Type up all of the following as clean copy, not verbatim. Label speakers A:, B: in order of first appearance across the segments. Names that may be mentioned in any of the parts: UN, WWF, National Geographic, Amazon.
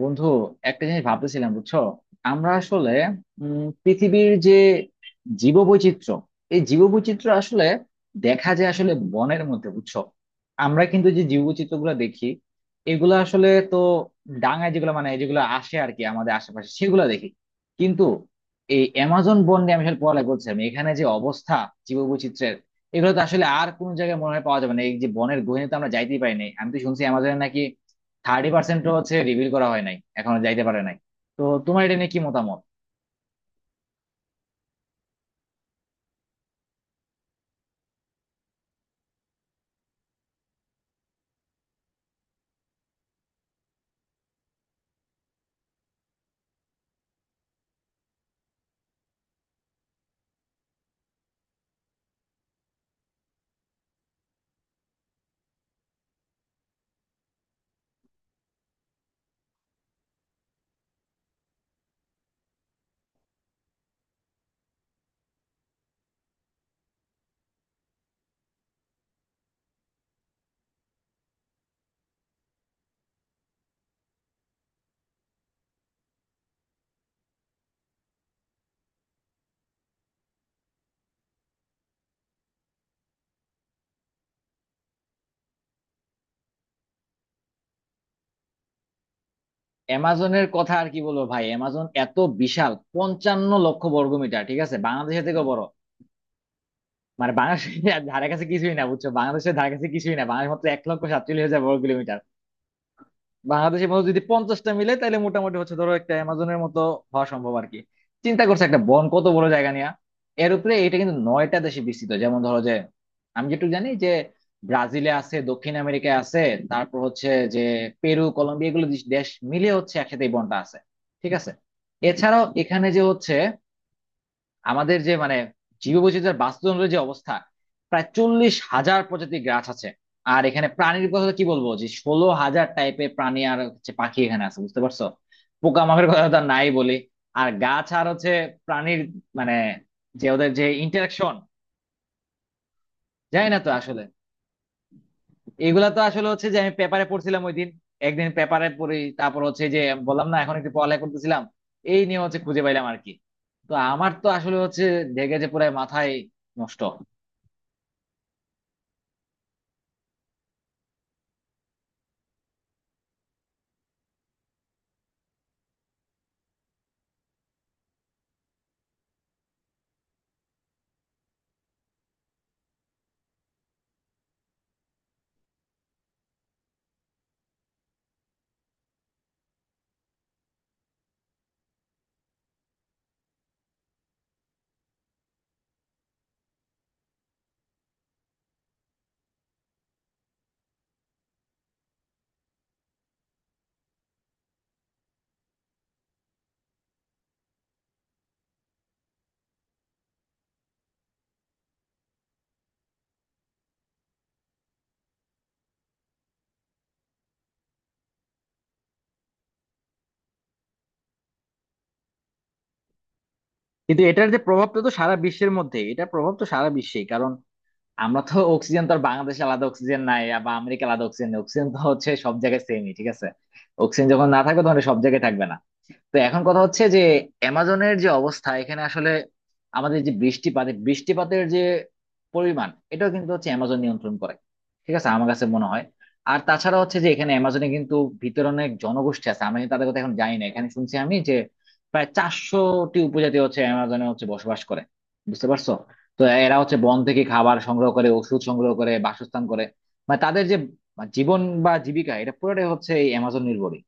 A: বন্ধু, একটা জিনিস ভাবতেছিলাম, বুঝছো? আমরা আসলে পৃথিবীর যে জীববৈচিত্র্য, এই জীববৈচিত্র্য আসলে দেখা যায় আসলে বনের মধ্যে, বুঝছো? আমরা কিন্তু যে জীববৈচিত্র্য গুলো দেখি এগুলো আসলে তো ডাঙায় যেগুলো, মানে যেগুলো আসে আর কি আমাদের আশেপাশে সেগুলো দেখি। কিন্তু এই অ্যামাজন বন নিয়ে আমি আসলে পড়ালেখা করছিলাম, এখানে যে অবস্থা জীববৈচিত্র্যের, এগুলো তো আসলে আর কোনো জায়গায় মনে হয় পাওয়া যাবে না। এই যে বনের গহীনে তো আমরা যাইতেই পারি নাই, আমি তো শুনছি অ্যামাজনে নাকি 30% হচ্ছে রিভিল করা হয় নাই এখনো, যাইতে পারে নাই। তো তোমার এটা নিয়ে কি মতামত? অ্যামাজনের কথা আর কি বলবো ভাই, অ্যামাজন এত বিশাল, 55,00,000 বর্গমিটার, ঠিক আছে, বাংলাদেশের থেকেও বড়। মানে বাংলাদেশের ধারে কাছে কিছুই না, বুঝছো, বাংলাদেশের ধারে কাছে কিছুই না। বাংলাদেশ মাত্র 1,47,000 বর্গ কিলোমিটার। বাংলাদেশের মতো যদি 50টা মিলে তাহলে মোটামুটি হচ্ছে ধরো একটা অ্যামাজনের মতো হওয়া সম্ভব আর কি। চিন্তা করছে একটা বন কত বড় জায়গা নিয়ে। এর উপরে এটা কিন্তু নয়টা দেশে বিস্তৃত। যেমন ধরো যে আমি যেটুকু জানি যে ব্রাজিলে আছে, দক্ষিণ আমেরিকায় আছে, তারপর হচ্ছে যে পেরু, কলম্বিয়া, এগুলো দেশ মিলে হচ্ছে একসাথে এই বনটা আছে, ঠিক আছে। এছাড়াও এখানে যে হচ্ছে আমাদের যে মানে জীববৈচিত্র্যের, বাস্তুতন্ত্রের যে অবস্থা, প্রায় 40,000 প্রজাতির গাছ আছে। আর এখানে প্রাণীর কথা তো কি বলবো, যে 16,000 টাইপের প্রাণী আর হচ্ছে পাখি এখানে আছে, বুঝতে পারছো। পোকামাকড়ের কথা তো আর নাই বলি। আর গাছ আর হচ্ছে প্রাণীর, মানে যে ওদের যে ইন্টারাকশন জানি না তো আসলে। এগুলা তো আসলে হচ্ছে যে আমি পেপারে পড়ছিলাম ওই দিন, একদিন পেপারে পড়ি, তারপর হচ্ছে যে বললাম না এখন একটু পড়ালেখা করতেছিলাম এই নিয়ে, হচ্ছে খুঁজে পাইলাম আর কি। তো আমার তো আসলে হচ্ছে দেখে যে পুরো মাথায় নষ্ট। কিন্তু এটার যে প্রভাবটা তো সারা বিশ্বের মধ্যে, এটা প্রভাব তো সারা বিশ্বেই, কারণ আমরা তো অক্সিজেন তো আর বাংলাদেশে আলাদা অক্সিজেন নাই, আর বা আমেরিকা আলাদা অক্সিজেন নেই, অক্সিজেন তো হচ্ছে সব জায়গায় সেমই, ঠিক আছে। অক্সিজেন যখন না থাকবে তখন এটা সব জায়গায় থাকবে না। তো এখন কথা হচ্ছে যে অ্যামাজনের যে অবস্থা এখানে আসলে আমাদের যে বৃষ্টিপাত, এই বৃষ্টিপাতের যে পরিমাণ, এটাও কিন্তু হচ্ছে অ্যামাজন নিয়ন্ত্রণ করে, ঠিক আছে, আমার কাছে মনে হয়। আর তাছাড়া হচ্ছে যে এখানে অ্যামাজনে কিন্তু ভিতরে অনেক জনগোষ্ঠী আছে, আমি তাদের কথা এখন জানি না, এখানে শুনছি আমি যে প্রায় 400টি উপজাতি হচ্ছে অ্যামাজনে হচ্ছে বসবাস করে, বুঝতে পারছো। তো এরা হচ্ছে বন থেকে খাবার সংগ্রহ করে, ওষুধ সংগ্রহ করে, বাসস্থান করে, মানে তাদের যে জীবন বা জীবিকা এটা পুরোটাই হচ্ছে এই অ্যামাজন নির্ভরই।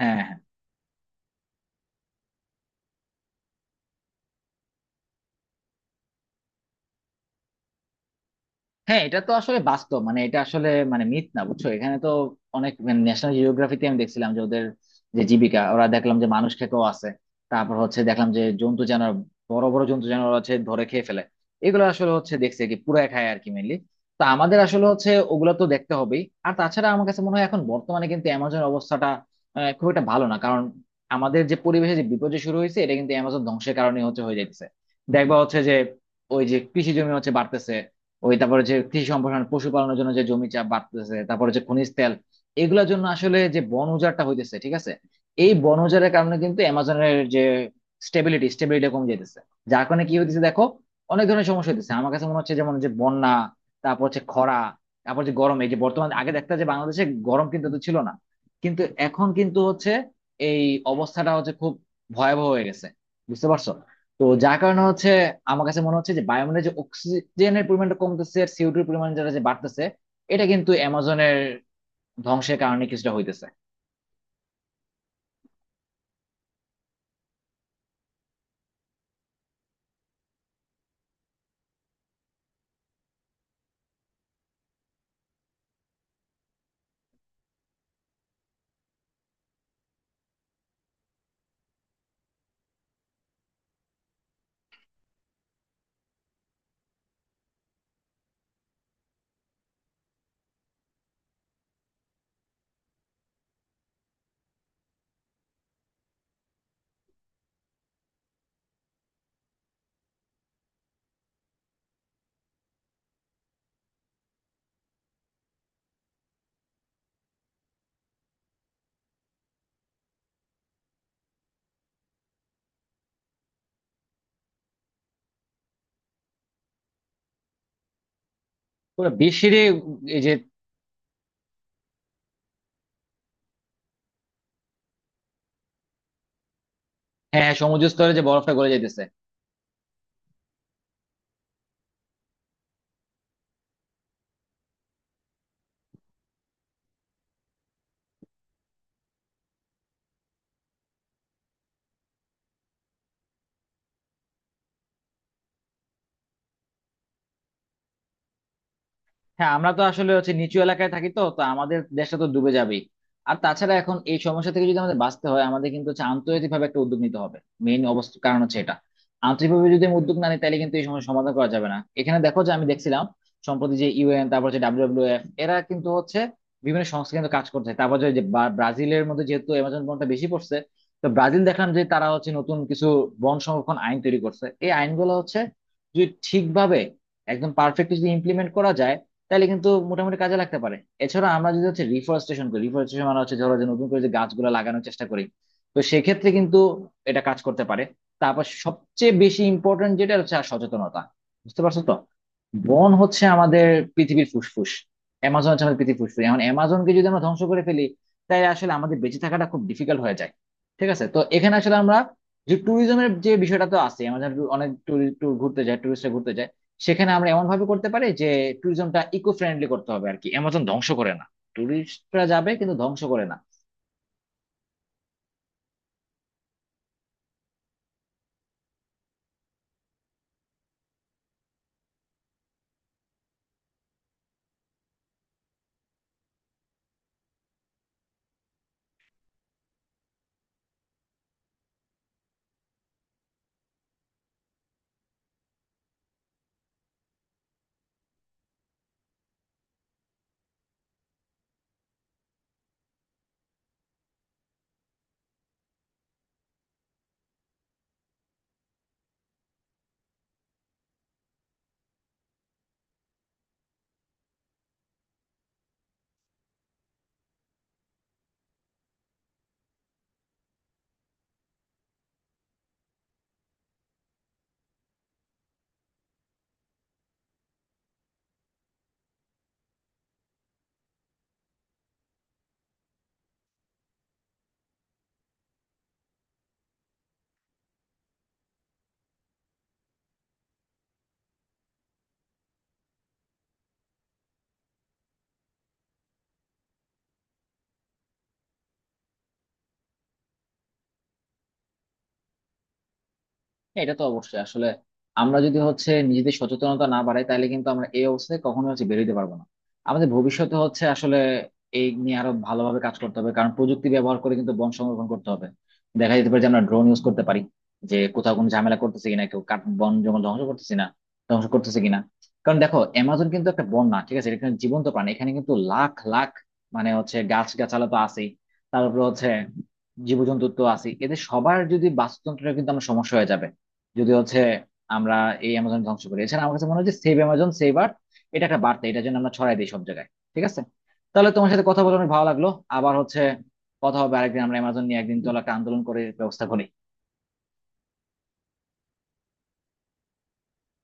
A: হ্যাঁ, হ্যাঁ, হ্যাঁ, এটা তো আসলে বাস্তব, মানে এটা আসলে মানে মিথ না, বুঝছো। এখানে তো অনেক ন্যাশনাল জিওগ্রাফিতে আমি দেখছিলাম যে ওদের যে জীবিকা, ওরা দেখলাম যে মানুষ খেতেও আছে। তারপর হচ্ছে দেখলাম যে জন্তু জানোয়ার, বড় বড় জন্তু জানোয়ার হচ্ছে ধরে খেয়ে ফেলে। এগুলো আসলে হচ্ছে দেখছে কি পুরা খায় আর কি, মেনলি। তো আমাদের আসলে হচ্ছে ওগুলো তো দেখতে হবেই। আর তাছাড়া আমার কাছে মনে হয় এখন বর্তমানে কিন্তু অ্যামাজন অবস্থাটা খুব একটা ভালো না, কারণ আমাদের যে পরিবেশে যে বিপর্যয় শুরু হয়েছে এটা কিন্তু অ্যামাজন ধ্বংসের কারণে হচ্ছে হয়ে যাচ্ছে। দেখবা হচ্ছে যে ওই যে কৃষি জমি হচ্ছে বাড়তেছে, ওই তারপরে যে কৃষি সম্প্রসারণ, পশুপালনের জন্য যে জমি চাপ বাড়তেছে, তারপরে যে খনিজ তেল, এগুলোর জন্য আসলে যে বন উজাড়টা হইতেছে, ঠিক আছে। এই বন উজাড়ের কারণে কিন্তু অ্যামাজনের যে স্টেবিলিটি স্টেবিলিটি কমে যাইতেছে। যার কারণে কি হইতেছে দেখো, অনেক ধরনের সমস্যা হইতেছে আমার কাছে মনে হচ্ছে, যেমন যে বন্যা, তারপর হচ্ছে খরা, তারপর যে গরম। এই যে বর্তমানে আগে দেখতে যে বাংলাদেশে গরম কিন্তু এত ছিল না, কিন্তু এখন কিন্তু হচ্ছে এই অবস্থাটা হচ্ছে খুব ভয়াবহ হয়ে গেছে, বুঝতে পারছো তো। যার কারণে হচ্ছে আমার কাছে মনে হচ্ছে যে বায়ুমণ্ডলে যে অক্সিজেনের পরিমাণটা কমতেছে আর সিওটির পরিমাণ যেটা যে বাড়তেছে, এটা কিন্তু অ্যামাজনের ধ্বংসের কারণে কিছুটা হইতেছে। পুরো বিশ্বেরই এই যে। হ্যাঁ, হ্যাঁ, সমুদ্র স্তরে যে বরফটা গলে যাইতেছে। হ্যাঁ, আমরা তো আসলে হচ্ছে নিচু এলাকায় থাকি, তো তো আমাদের দেশটা তো ডুবে যাবেই। আর তাছাড়া এখন এই সমস্যা থেকে যদি আমাদের বাঁচতে হয় আমাদের কিন্তু হচ্ছে আন্তর্জাতিক ভাবে একটা উদ্যোগ নিতে হবে, মেইন অবস্থা কারণ হচ্ছে এটা। আন্তরিকভাবে যদি আমি উদ্যোগ না নিই তাহলে কিন্তু এই সমস্যা সমাধান করা যাবে না। এখানে দেখো যে আমি দেখছিলাম সম্প্রতি যে ইউএন, তারপর হচ্ছে ডাব্লিউডব্লিউ এফ, এরা কিন্তু হচ্ছে বিভিন্ন সংস্থা কিন্তু কাজ করছে। তারপর যে যে বা- ব্রাজিলের মধ্যে যেহেতু অ্যামাজন বনটা বেশি পড়ছে, তো ব্রাজিল দেখলাম যে তারা হচ্ছে নতুন কিছু বন সংরক্ষণ আইন তৈরি করছে। এই আইনগুলো হচ্ছে যদি ঠিকভাবে, একদম পারফেক্টলি যদি ইমপ্লিমেন্ট করা যায় তাহলে কিন্তু মোটামুটি কাজে লাগতে পারে। এছাড়া আমরা যদি হচ্ছে রিফরেস্টেশন করি, রিফরেস্টেশন মানে হচ্ছে ধরো যে নতুন করে যে গাছগুলো লাগানোর চেষ্টা করি, তো সেক্ষেত্রে কিন্তু এটা কাজ করতে পারে। তারপর সবচেয়ে বেশি ইম্পর্টেন্ট যেটা হচ্ছে আর সচেতনতা, বুঝতে পারছো তো। বন হচ্ছে আমাদের পৃথিবীর ফুসফুস, অ্যামাজন হচ্ছে আমাদের পৃথিবীর ফুসফুস। এখন অ্যামাজনকে যদি আমরা ধ্বংস করে ফেলি তাহলে আসলে আমাদের বেঁচে থাকাটা খুব ডিফিকাল্ট হয়ে যায়, ঠিক আছে। তো এখানে আসলে আমরা যে ট্যুরিজমের যে বিষয়টা তো আছে, আমাদের অনেক ট্যুর ঘুরতে যায়, ট্যুরিস্টরা ঘুরতে যায়। সেখানে আমরা এমন ভাবে করতে পারি যে ট্যুরিজমটা ইকো ফ্রেন্ডলি করতে হবে আর কি, অ্যামাজন ধ্বংস করে না, ট্যুরিস্টরা যাবে কিন্তু ধ্বংস করে না। হ্যাঁ, এটা তো অবশ্যই আসলে আমরা যদি হচ্ছে নিজেদের সচেতনতা না বাড়াই তাহলে কিন্তু আমরা এই অবস্থায় কখনো হচ্ছে বেরোতে পারবো না। আমাদের ভবিষ্যতে হচ্ছে আসলে এই নিয়ে আরো ভালোভাবে কাজ করতে হবে, কারণ প্রযুক্তি ব্যবহার করে কিন্তু বন সংরক্ষণ করতে হবে। দেখা যেতে পারে যে আমরা ড্রোন ইউজ করতে পারি যে কোথাও কোনো ঝামেলা করতেছে কিনা, কেউ কাঠ বন জঙ্গল ধ্বংস করতেছে কিনা। কারণ দেখো অ্যামাজন কিন্তু একটা বন না, ঠিক আছে, এখানে জীবন্ত প্রাণী এখানে কিন্তু লাখ লাখ, মানে হচ্ছে গাছ গাছালা তো আছেই, তারপরে হচ্ছে জীবজন্তু তো আছেই, এদের সবার যদি বাস্তুতন্ত্রের কিন্তু আমার সমস্যা হয়ে যাবে যদি হচ্ছে আমরা এই অ্যামাজন ধ্বংস করি। এছাড়া আমার কাছে মনে হয় যে সেভ অ্যামাজন, সেভ আর্থ, এটা একটা বার্তা এটা যেন আমরা ছড়াই দিই সব জায়গায়, ঠিক আছে। তাহলে তোমার সাথে কথা বলে অনেক ভালো লাগলো। আবার হচ্ছে কথা হবে আরেকদিন, আমরা অ্যামাজন নিয়ে একদিন চলো একটা আন্দোলন করে ব্যবস্থা করি।